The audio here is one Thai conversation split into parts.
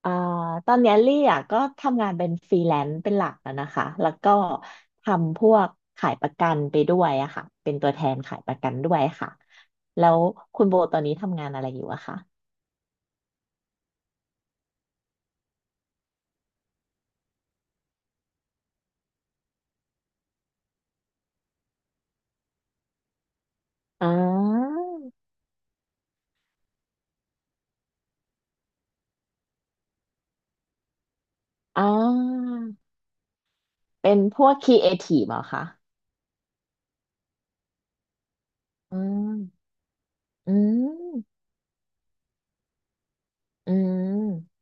เอ่อตอนเนี้ยลี่อ่ะก็ทำงานเป็นฟรีแลนซ์เป็นหลักอะนะคะแล้วก็ทำพวกขายประกันไปด้วยอะค่ะเป็นตัวแทนขายประกันด้วยค่ะแล้วคุณโบตอนนี้ทำงานอะไรอยู่อะคะอ่าอ่าเป็นพวกครีเอทีฟเหรอคะอืมอืมอืม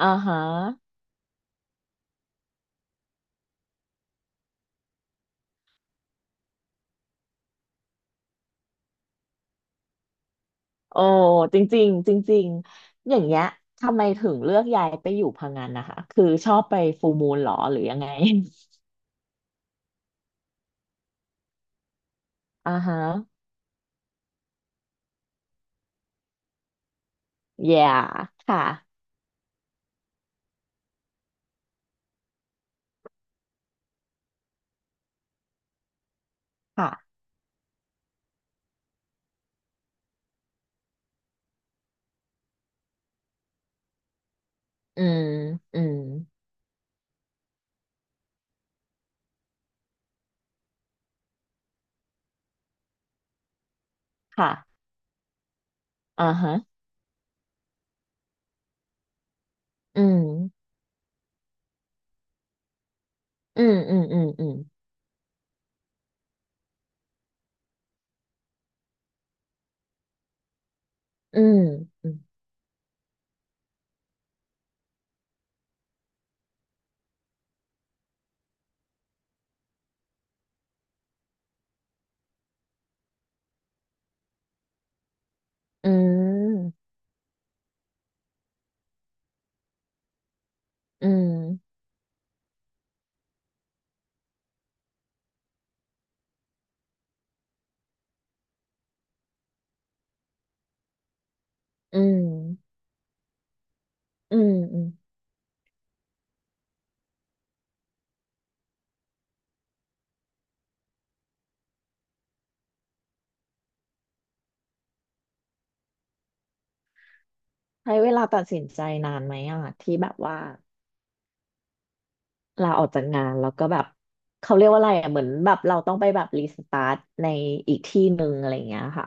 อ่าฮะโอ้จริงๆจริงๆอย่างเงี้ยทำไมถึงเลือกย้ายไปอยู่พังงานนะคะคือชอบไปฟูลมูนหรอหรือยังไงอ่าฮะ yeah ค่ะ ค่ะ อืม อืมค่ะอ่าฮะอืม อืม อืมอืมอืมอืมอืมอืมอืมอืมอืมใช้เวลาตัดสินใจนานไหมอ่ะที่แบบว่าลาออกจากงานแล้วก็แบบเขาเรียกว่าอะไรอ่ะเหมือนแบบเราต้องไปแบบรีสตาร์ทในอีกที่หนึ่งอะไรอย่างเงี้ยค่ะ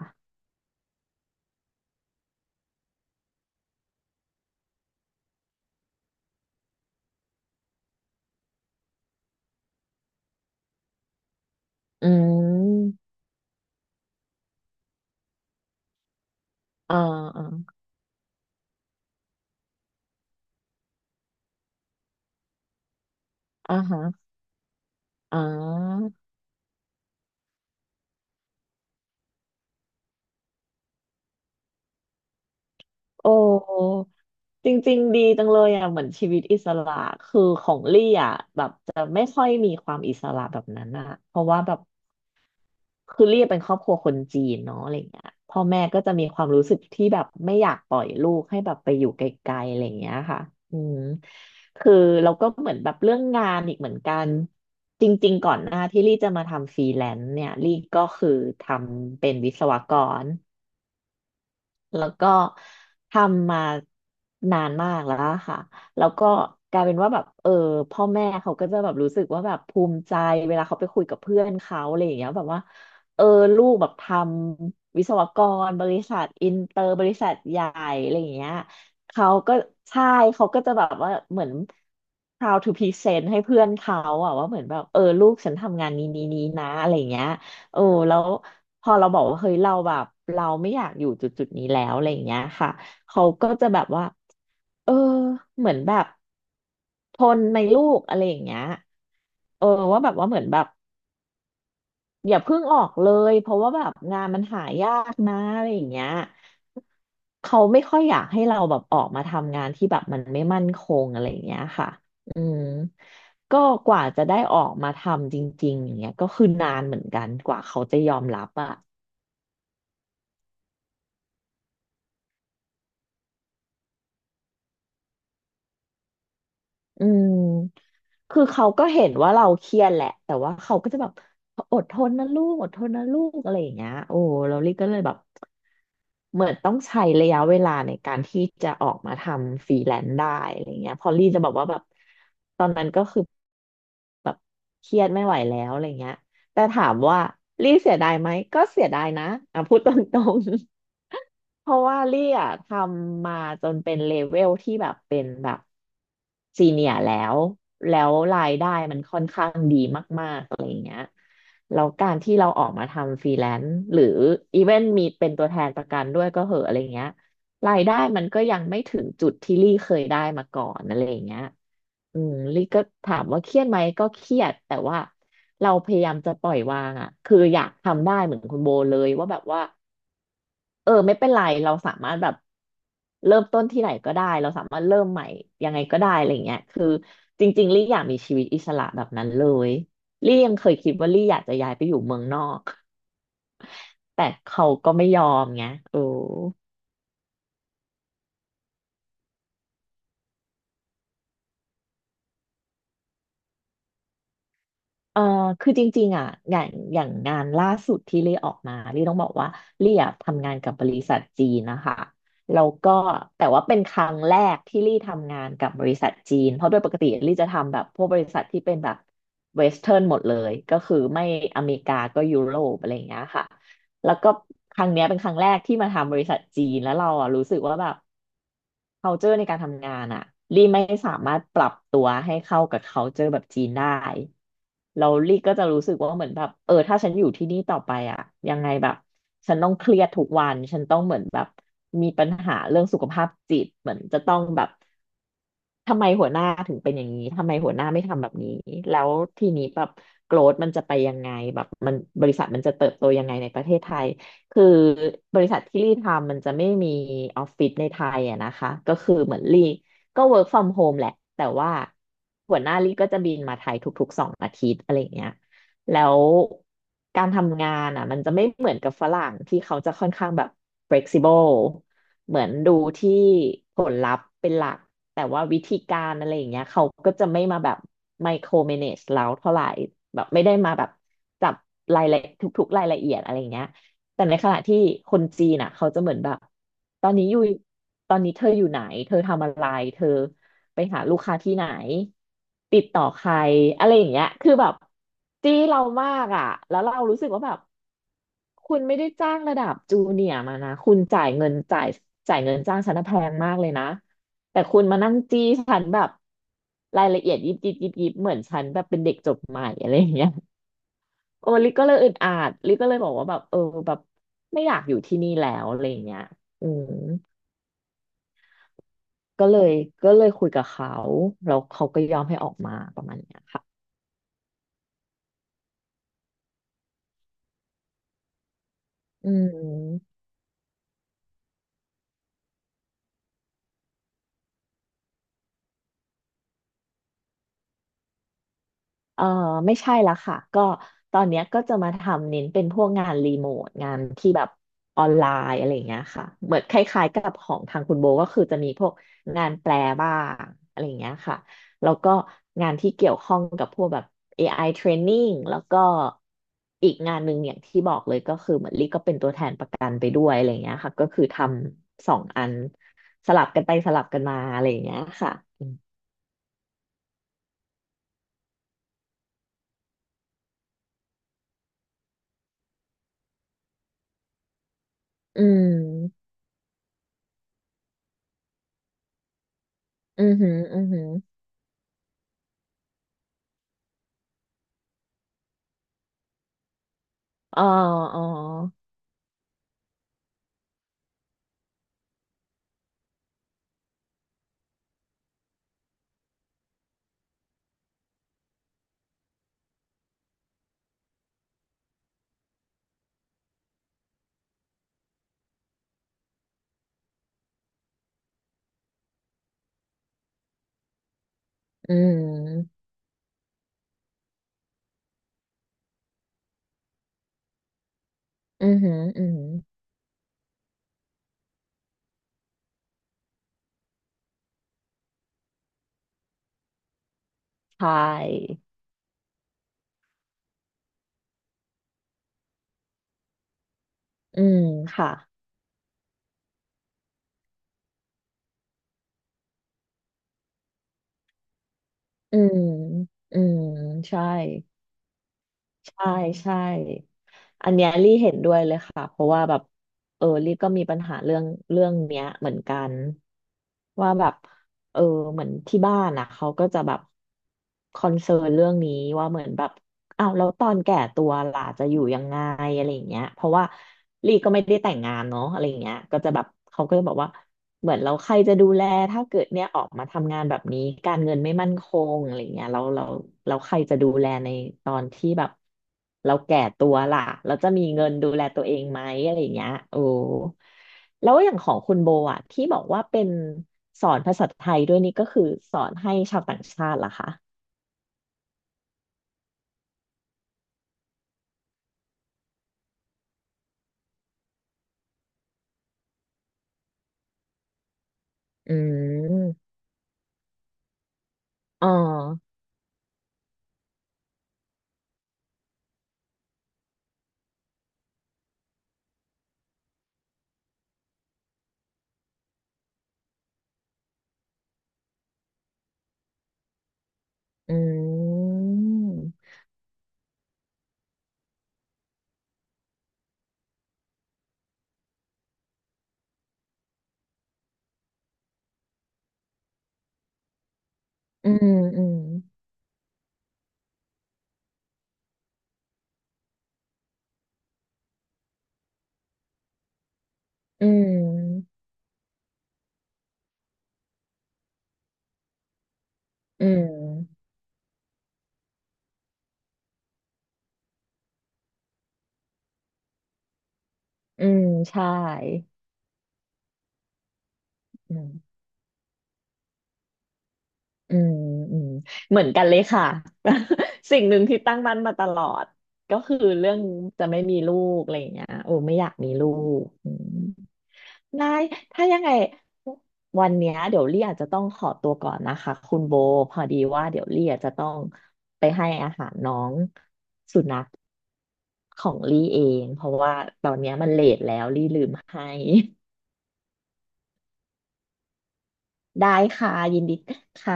อืมอ่าอ่าอ่าฮะอ่า โอ้จริงๆดีจังเลยอ่ะเหมือนชีวิตอิสระคือของลี่อ่ะแบบจะไม่ค่อยมีความอิสระแบบนั้นอ่ะเพราะว่าแบบคือลี่เป็นครอบครัวคนจีนเนาะอะไรเงี้ยพ่อแม่ก็จะมีความรู้สึกที่แบบไม่อยากปล่อยลูกให้แบบไปอยู่ไกลๆอะไรเงี้ยค่ะอืมคือเราก็เหมือนแบบเรื่องงานอีกเหมือนกันจริงๆก่อนหน้าที่ลี่จะมาทำฟรีแลนซ์เนี่ยลี่ก็คือทำเป็นวิศวกร แล้วก็ทำมานานมากแล้วอะค่ะ แล้วก็กลายเป็นว่าแบบเออพ่อแม่เขาก็จะแบบรู้สึกว่าแบบภูมิใจเวลาเขาไปคุยกับเพื่อนเขาอะไรอย่างเงี้ยแบบว่าเออลูกแบบทำวิศวกรบริษัทอินเตอร์บริษัทใหญ่อะไรอย่างเงี้ยเขาก็ใช่เขาก็จะแบบว่าเหมือน proud to present ให้เพื่อนเขาอะว่าเหมือนแบบเออลูกฉันทำงานนี้นี้นี้นะอะไรอย่างเงี้ย โอ้แล้วพอเราบอกว่าเฮ้ยเราแบบเราไม่อยากอยู่จุดนี้แล้วอะไรอย่างเงี้ยค่ะเขาก็จะแบบว่าเออเหมือนแบบทนไหมลูกอะไรอย่างเงี้ยเออว่าแบบว่าเหมือนแบบอย่าเพิ่งออกเลยเพราะว่าแบบงานมันหายากนะอะไรอย่างเงี้ยเขาไม่ค่อยอยากให้เราแบบออกมาทำงานที่แบบมันไม่มั่นคงอะไรอย่างเงี้ยค่ะอืมก็กว่าจะได้ออกมาทำจริงๆอย่างเงี้ยก็คือนานเหมือนกันกว่าเขาจะยอมรับอะ อืม คือเขาก็เห็นว่าเราเครียดแหละ แต่ว่าเขาก็จะแบบอดทนนะลูก อดทนนะลูกอะไรอย่างเงี้ยโอ้ เราลี่ก็เลยแบบเหมือนต้องใช้ระยะเวลาในการที่จะออกมาทำฟรีแลนซ์ได้อะไรเงี้ยพอลี่จะบอกว่าแบบตอนนั้นก็คือ แบบเครียดไม่ไหวแล้วอะไรเงี้ยแต่ถามว่าลี่เสียดายไหมก็เสียดายนะอ่ะพูดตรงๆ เพราะว่าลี่อ่ะทำมาจนเป็นเลเวลที่แบบเป็นแบบซีเนียแล้วแล้วรายได้มันค่อนข้างดีมากๆ แล้วการที่เราออกมาทำฟรีแลนซ์หรืออีเวนมีเป็นตัวแทนประกันด้วยก็เหอะอะไรเงี้ยรายได้มันก็ยังไม่ถึงจุดที่ลี่เคยได้มาก่อนอะไรอย่างเงี้ยอืมลี่ก็ถามว่าเครียดไหมก็เครียดแต่ว่าเราพยายามจะปล่อยวางอ่ะคืออยากทำได้เหมือนคุณโบเลยว่าแบบว่า เออไม่เป็นไรเราสามารถแบบเริ่มต้นที่ไหนก็ได้เราสามารถเริ่มใหม่ยังไงก็ได้อะไรเงี้ยคือจริงๆลี่อยากมีชีวิตอิสระแบบนั้นเลยลี่ยังเคยคิดว่าลี่อยากจะย้ายไปอยู่เมืองนอกแต่เขาก็ไม่ยอมไงโอ้ เออคือจริงๆอ่ะอย่างอย่างงานล่าสุดที่เลี่ยออกมาลี่ต้องบอกว่าเลี่ยทำงานกับบริษัทจีนนะคะแล้วก็แต่ว่าเป็นครั้งแรกที่ลี่ทำงานกับบริษัทจีนเพราะโดยปกติลี่จะทำแบบพวกบริษัทที่เป็นแบบเวสเทิร์นหมดเลยก็คือไม่อเมริกาก็ยุโรปอะไรอย่างเงี้ยค่ะ แล้วก็ครั้งเนี้ยเป็นครั้งแรกที่มาทำบริษัทจีนแล้วเราอ่ะรู้สึกว่าแบบ culture ในการทำงานอ่ะลี่ไม่สามารถปรับตัวให้เข้ากับ culture แบบจีนได้เราลี่ก็จะรู้สึกว่าเหมือนแบบเออถ้าฉันอยู่ที่นี่ต่อไปอ่ะยังไงแบบฉันต้องเครียดทุกวันฉันต้องเหมือนแบบมีปัญหาเรื่องสุขภาพจิตเหมือนจะต้องแบบ ทำไมหัวหน้าถึงเป็นอย่างนี้ ทำไมหัวหน้าไม่ทำแบบนี้ แล้วทีนี้แบบโกรธมันจะไปยังไงแบบมันบริษัทมันจะเติบโตยังไงในประเทศไทย คือบริษัทที่ลี่ทำมันจะไม่มีออฟฟิศในไทยอะนะคะ ก็คือเหมือนลี่ก็ work from home แหละ แต่ว่าหัวหน้าลี่ก็จะบินมาไทยทุกๆสองอาทิตย์อะไรอย่างเงี้ยแล้วการทำงานอ่ะมันจะไม่เหมือนกับฝรั่งที่เขาจะค่อนข้างแบบ flexible เหมือนดูที่ผลลัพธ์เป็นหลักแต่ว่าวิธีการอะไรอย่างเงี้ยเขาก็จะไม่มาแบบไมโครเมเนจเราเท่าไหร่แบบไม่ได้มาแบบจับรายละทุกๆรายละเอียดอะไรอย่างเงี้ยแต่ในขณะที่คนจีนอ่ะเขาจะเหมือนแบบตอนนี้อยู่ตอนนี้เธออยู่ไหนเธอทำอะไรเธอไปหาลูกค้าที่ไหนติดต่อใครอะไรอย่างเงี้ยคือแบบจี้เรามากอ่ะแล้วเรารู้สึกว่าแบบ คุณไม่ได้จ้างระดับจูเนียร์มานะคุณจ่ายเงินจ่ายเงินจ้างฉันน่ะแพงมากเลยนะ แต่คุณมานั่งจี้ฉันแบบรายละเอียดยิบยิบยิบยิบเหมือนฉันแบบเป็นเด็กจบใหม่อะไรอย่างเงี้ยโอ้ลิก็เลยอึดอัดลิก็เลยบอกว่าแบบเออแบบไม่อยากอยู่ที่นี่แล้วอะไรอย่างเงี้ยอืมก็เลยก็เลยคุยกับเขาแล้วเขาก็ยอมให้ออกมาประมาณเนี้ยค่ะอืม เออไม่ใช่ละค่ะก็ตอนเนี้ยก็จะมาทำเน้นเป็นพวกงานรีโมทงานที่แบบออนไลน์อะไรอย่างเงี้ยค่ะเหมือนคล้ายๆกับของทางคุณโบก็คือจะมีพวกงานแปลบ้างอะไรอย่างเงี้ยค่ะแล้วก็งานที่เกี่ยวข้องกับพวกแบบ AI training แล้วก็อีกงานหนึ่งอย่างที่บอกเลยก็คือเหมือนลี่ก็เป็นตัวแทนประกันไปด้วยอะไรอย่างเงี้ยค่ะก็คือทำสองอันสลับกันไปสลับกันมาอะไรอย่างเงี้ยค่ะอืมอือหืออืมอหืม อ๋ออ๋ออืมอืมอืมใช่อืมค่ะอืมอืมใช่ใช่ ใช่ อันเนี้ยลี่เห็นด้วยเลยค่ะเพราะว่าแบบเออลี่ก็มีปัญหาเรื่องเรื่องเนี้ยเหมือนกันว่าแบบเออเหมือนที่บ้านอ่ะเขาก็จะแบบคอนเซิร์นเรื่องนี้ว่าเหมือนแบบอ้าวแล้วตอนแก่ตัวล่ะจะอยู่ยังไงอะไรอย่างเงี้ยเพราะว่าลี่ก็ไม่ได้แต่งงานเนาะอะไรอย่างเงี้ยก็จะแบบเขาก็จะบอกว่า เหมือนเราใครจะดูแลถ้าเกิดเนี่ยออกมาทำงานแบบนี้การเงินไม่มั่นคงอะไรเงี้ยเราใครจะดูแลในตอนที่แบบเราแก่ตัวล่ะเราจะมีเงินดูแลตัวเองไหมอะไรเงี้ยโอ้แล้วอย่างของคุณโบอะที่บอกว่าเป็นสอนภาษาไทยด้วยนี่ก็คือสอนให้ชาวต่างชาติเหรอคะอืมอ๋ออืมอืมอืมอืมอืมอืมใช่อืม อืมอืมเหมือนกันเลยค่ะ สิ่งหนึ่งที่ตั้งมั่นมาตลอดก็คือเรื่องจะไม่มีลูกอะไรอย่างเงี้ยโอ้ไม่อยากมีลูกอืมได้ถ้ายังไงวันเนี้ยเดี๋ยวลี่อาจจะต้องขอตัวก่อนนะคะคุณโบพอดีว่าเดี๋ยวลี่อาจจะต้องไปให้อาหารน้องสุนัขของลี่เองเพราะว่าตอนเนี้ยมันเลทแล้วลี่ลืมให้ ได้ค่ะยินดีค่ะ